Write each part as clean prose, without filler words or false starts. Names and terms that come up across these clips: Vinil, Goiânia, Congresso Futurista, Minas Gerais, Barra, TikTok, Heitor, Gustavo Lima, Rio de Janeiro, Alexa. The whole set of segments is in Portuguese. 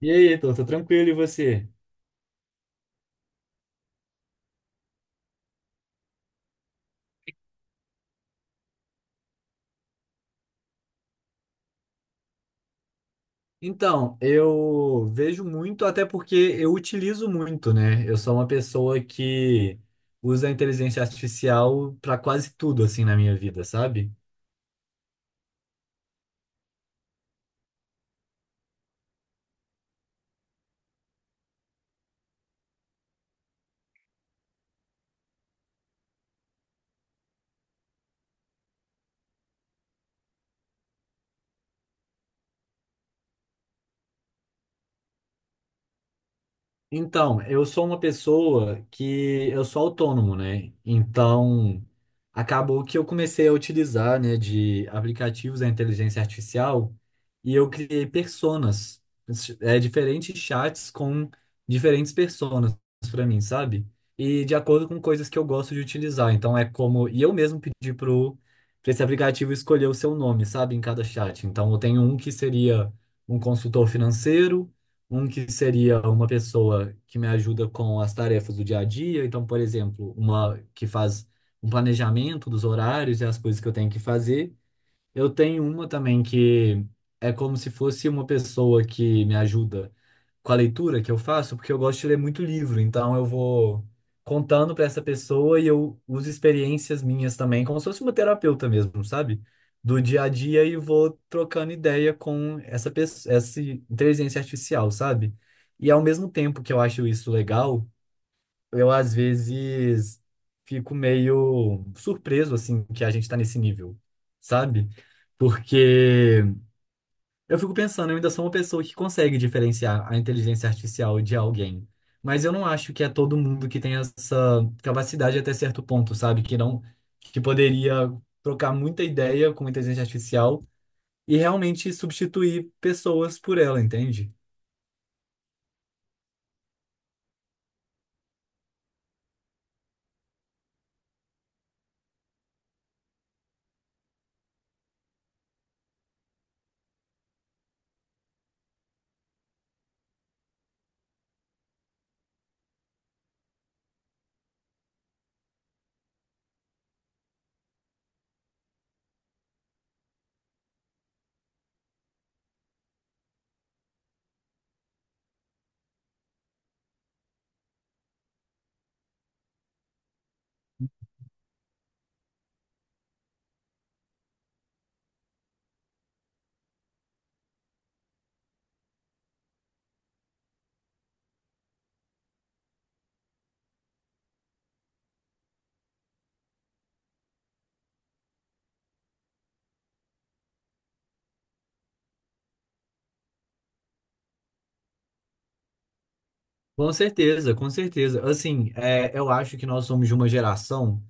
E aí, Heitor, tô tranquilo e você? Então, eu vejo muito, até porque eu utilizo muito, né? Eu sou uma pessoa que usa a inteligência artificial para quase tudo, assim, na minha vida, sabe? Então, eu sou uma pessoa que eu sou autônomo, né? Então, acabou que eu comecei a utilizar, né, de aplicativos da inteligência artificial e eu criei personas, diferentes chats com diferentes personas para mim, sabe? E de acordo com coisas que eu gosto de utilizar. Então, é como. E eu mesmo pedi pra esse aplicativo escolher o seu nome, sabe, em cada chat. Então, eu tenho um que seria um consultor financeiro, um que seria uma pessoa que me ajuda com as tarefas do dia a dia, então, por exemplo, uma que faz um planejamento dos horários e as coisas que eu tenho que fazer. Eu tenho uma também que é como se fosse uma pessoa que me ajuda com a leitura que eu faço, porque eu gosto de ler muito livro, então eu vou contando para essa pessoa e eu uso experiências minhas também, como se fosse uma terapeuta mesmo, sabe? Do dia a dia e vou trocando ideia com essa pessoa, essa inteligência artificial, sabe? E ao mesmo tempo que eu acho isso legal, eu às vezes fico meio surpreso, assim, que a gente tá nesse nível, sabe? Porque eu fico pensando, eu ainda sou uma pessoa que consegue diferenciar a inteligência artificial de alguém. Mas eu não acho que é todo mundo que tem essa capacidade até certo ponto, sabe? Que não, que poderia trocar muita ideia com inteligência artificial e realmente substituir pessoas por ela, entende? Com certeza, com certeza. Assim, é, eu acho que nós somos de uma geração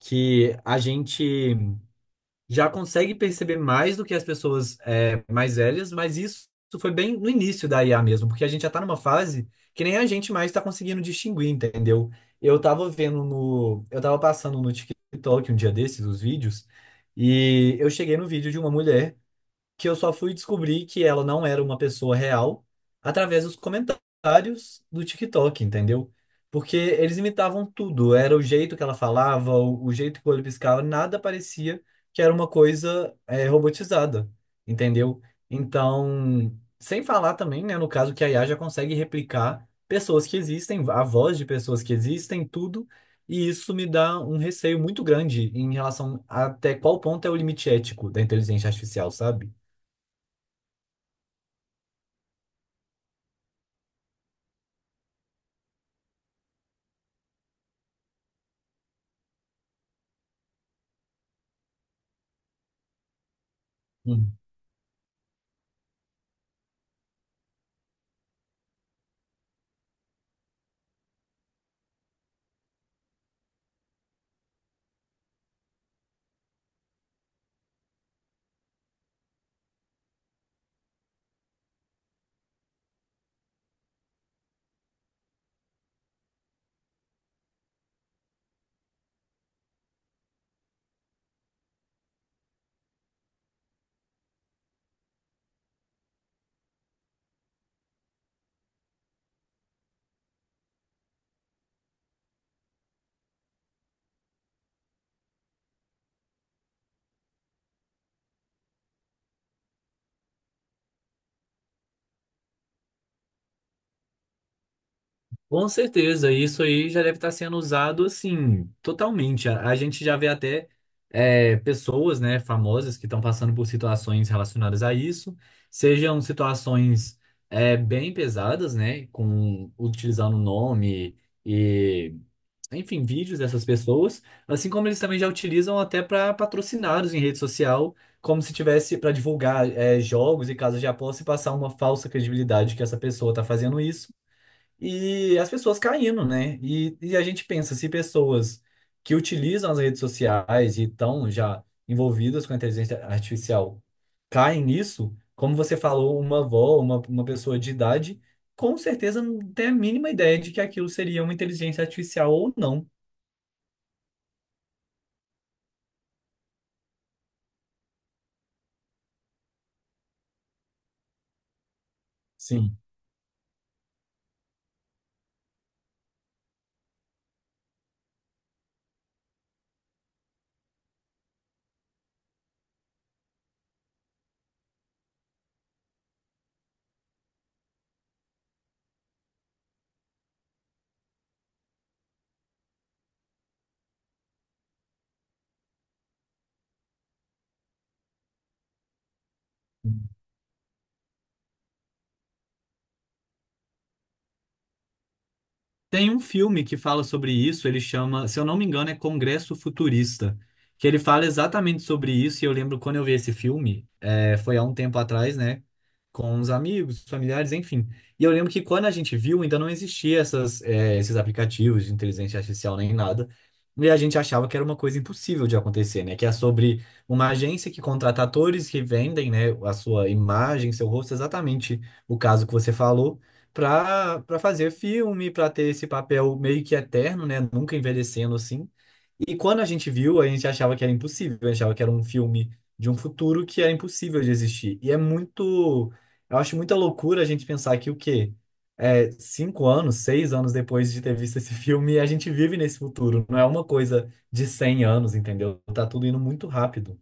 que a gente já consegue perceber mais do que as pessoas mais velhas, mas isso foi bem no início da IA mesmo, porque a gente já está numa fase que nem a gente mais está conseguindo distinguir, entendeu? Eu estava passando no TikTok um dia desses, os vídeos, e eu cheguei no vídeo de uma mulher que eu só fui descobrir que ela não era uma pessoa real através dos comentários do TikTok, entendeu? Porque eles imitavam tudo, era o jeito que ela falava, o jeito que o olho piscava, nada parecia que era uma coisa robotizada, entendeu? Então, sem falar também, né, no caso que a IA já consegue replicar pessoas que existem, a voz de pessoas que existem, tudo, e isso me dá um receio muito grande em relação a até qual ponto é o limite ético da inteligência artificial, sabe? Hum. Com certeza, isso aí já deve estar sendo usado assim, totalmente. A gente já vê até pessoas, né, famosas que estão passando por situações relacionadas a isso, sejam situações bem pesadas, né, com utilizando nome e, enfim, vídeos dessas pessoas, assim como eles também já utilizam até para patrocinados em rede social, como se tivesse para divulgar jogos e casas de aposta e passar uma falsa credibilidade que essa pessoa está fazendo isso, e as pessoas caindo, né? E a gente pensa, se pessoas que utilizam as redes sociais e estão já envolvidas com a inteligência artificial caem nisso, como você falou, uma avó, uma pessoa de idade, com certeza não tem a mínima ideia de que aquilo seria uma inteligência artificial ou não. Sim. Tem um filme que fala sobre isso, ele chama, se eu não me engano, é Congresso Futurista, que ele fala exatamente sobre isso, e eu lembro quando eu vi esse filme, foi há um tempo atrás, né, com os amigos, familiares, enfim. E eu lembro que quando a gente viu, ainda não existia essas, esses aplicativos de inteligência artificial nem nada, e a gente achava que era uma coisa impossível de acontecer, né, que é sobre uma agência que contrata atores que vendem, né, a sua imagem, seu rosto, exatamente o caso que você falou, para fazer filme, para ter esse papel meio que eterno, né? Nunca envelhecendo assim. E quando a gente viu, a gente achava que era impossível, a gente achava que era um filme de um futuro que era impossível de existir. E é muito, eu acho muita loucura a gente pensar que o quê? É, 5 anos, 6 anos depois de ter visto esse filme, a gente vive nesse futuro. Não é uma coisa de 100 anos, entendeu? Tá tudo indo muito rápido.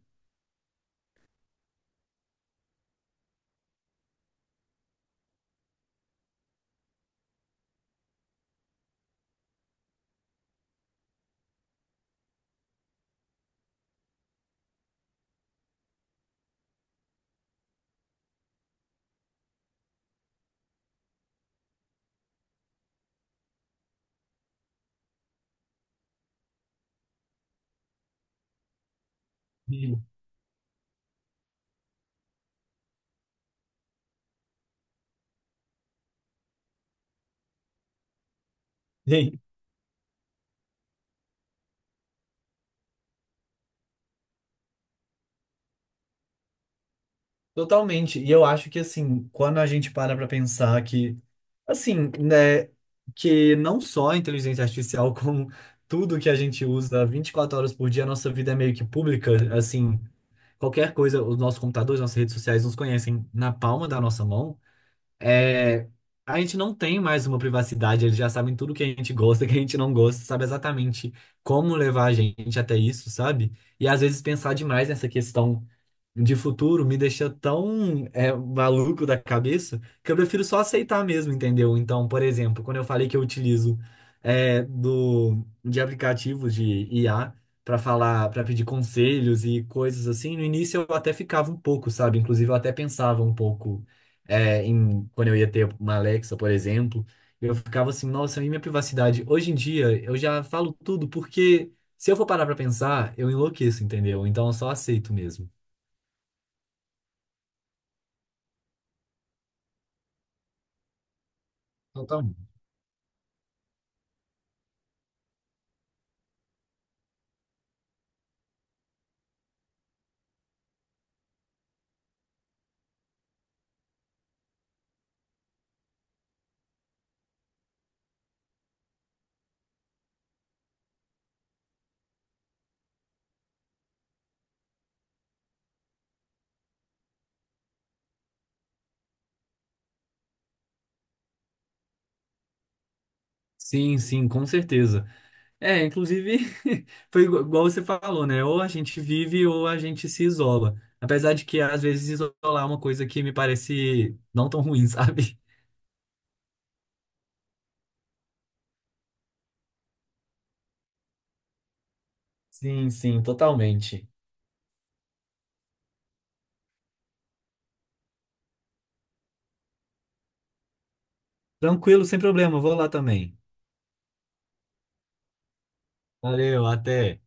Sim. Totalmente. E eu acho que assim, quando a gente para pensar que assim, né, que não só a inteligência artificial, como tudo que a gente usa 24 horas por dia, a nossa vida é meio que pública, assim, qualquer coisa, os nossos computadores, nossas redes sociais nos conhecem na palma da nossa mão. É, a gente não tem mais uma privacidade, eles já sabem tudo que a gente gosta, que a gente não gosta, sabe exatamente como levar a gente até isso, sabe? E às vezes pensar demais nessa questão de futuro me deixa tão maluco da cabeça que eu prefiro só aceitar mesmo, entendeu? Então, por exemplo, quando eu falei que eu utilizo de aplicativos de IA para falar, para pedir conselhos e coisas assim, no início eu até ficava um pouco, sabe? Inclusive, eu até pensava um pouco em quando eu ia ter uma Alexa, por exemplo. Eu ficava assim, nossa, e minha privacidade? Hoje em dia, eu já falo tudo, porque se eu for parar para pensar, eu enlouqueço, entendeu? Então, eu só aceito mesmo. Totalmente. Sim, sim, com certeza. É, inclusive, foi igual você falou, né? Ou a gente vive ou a gente se isola. Apesar de que, às vezes, isolar é uma coisa que me parece não tão ruim, sabe? Sim, sim, totalmente. Tranquilo, sem problema, vou lá também. Valeu, até.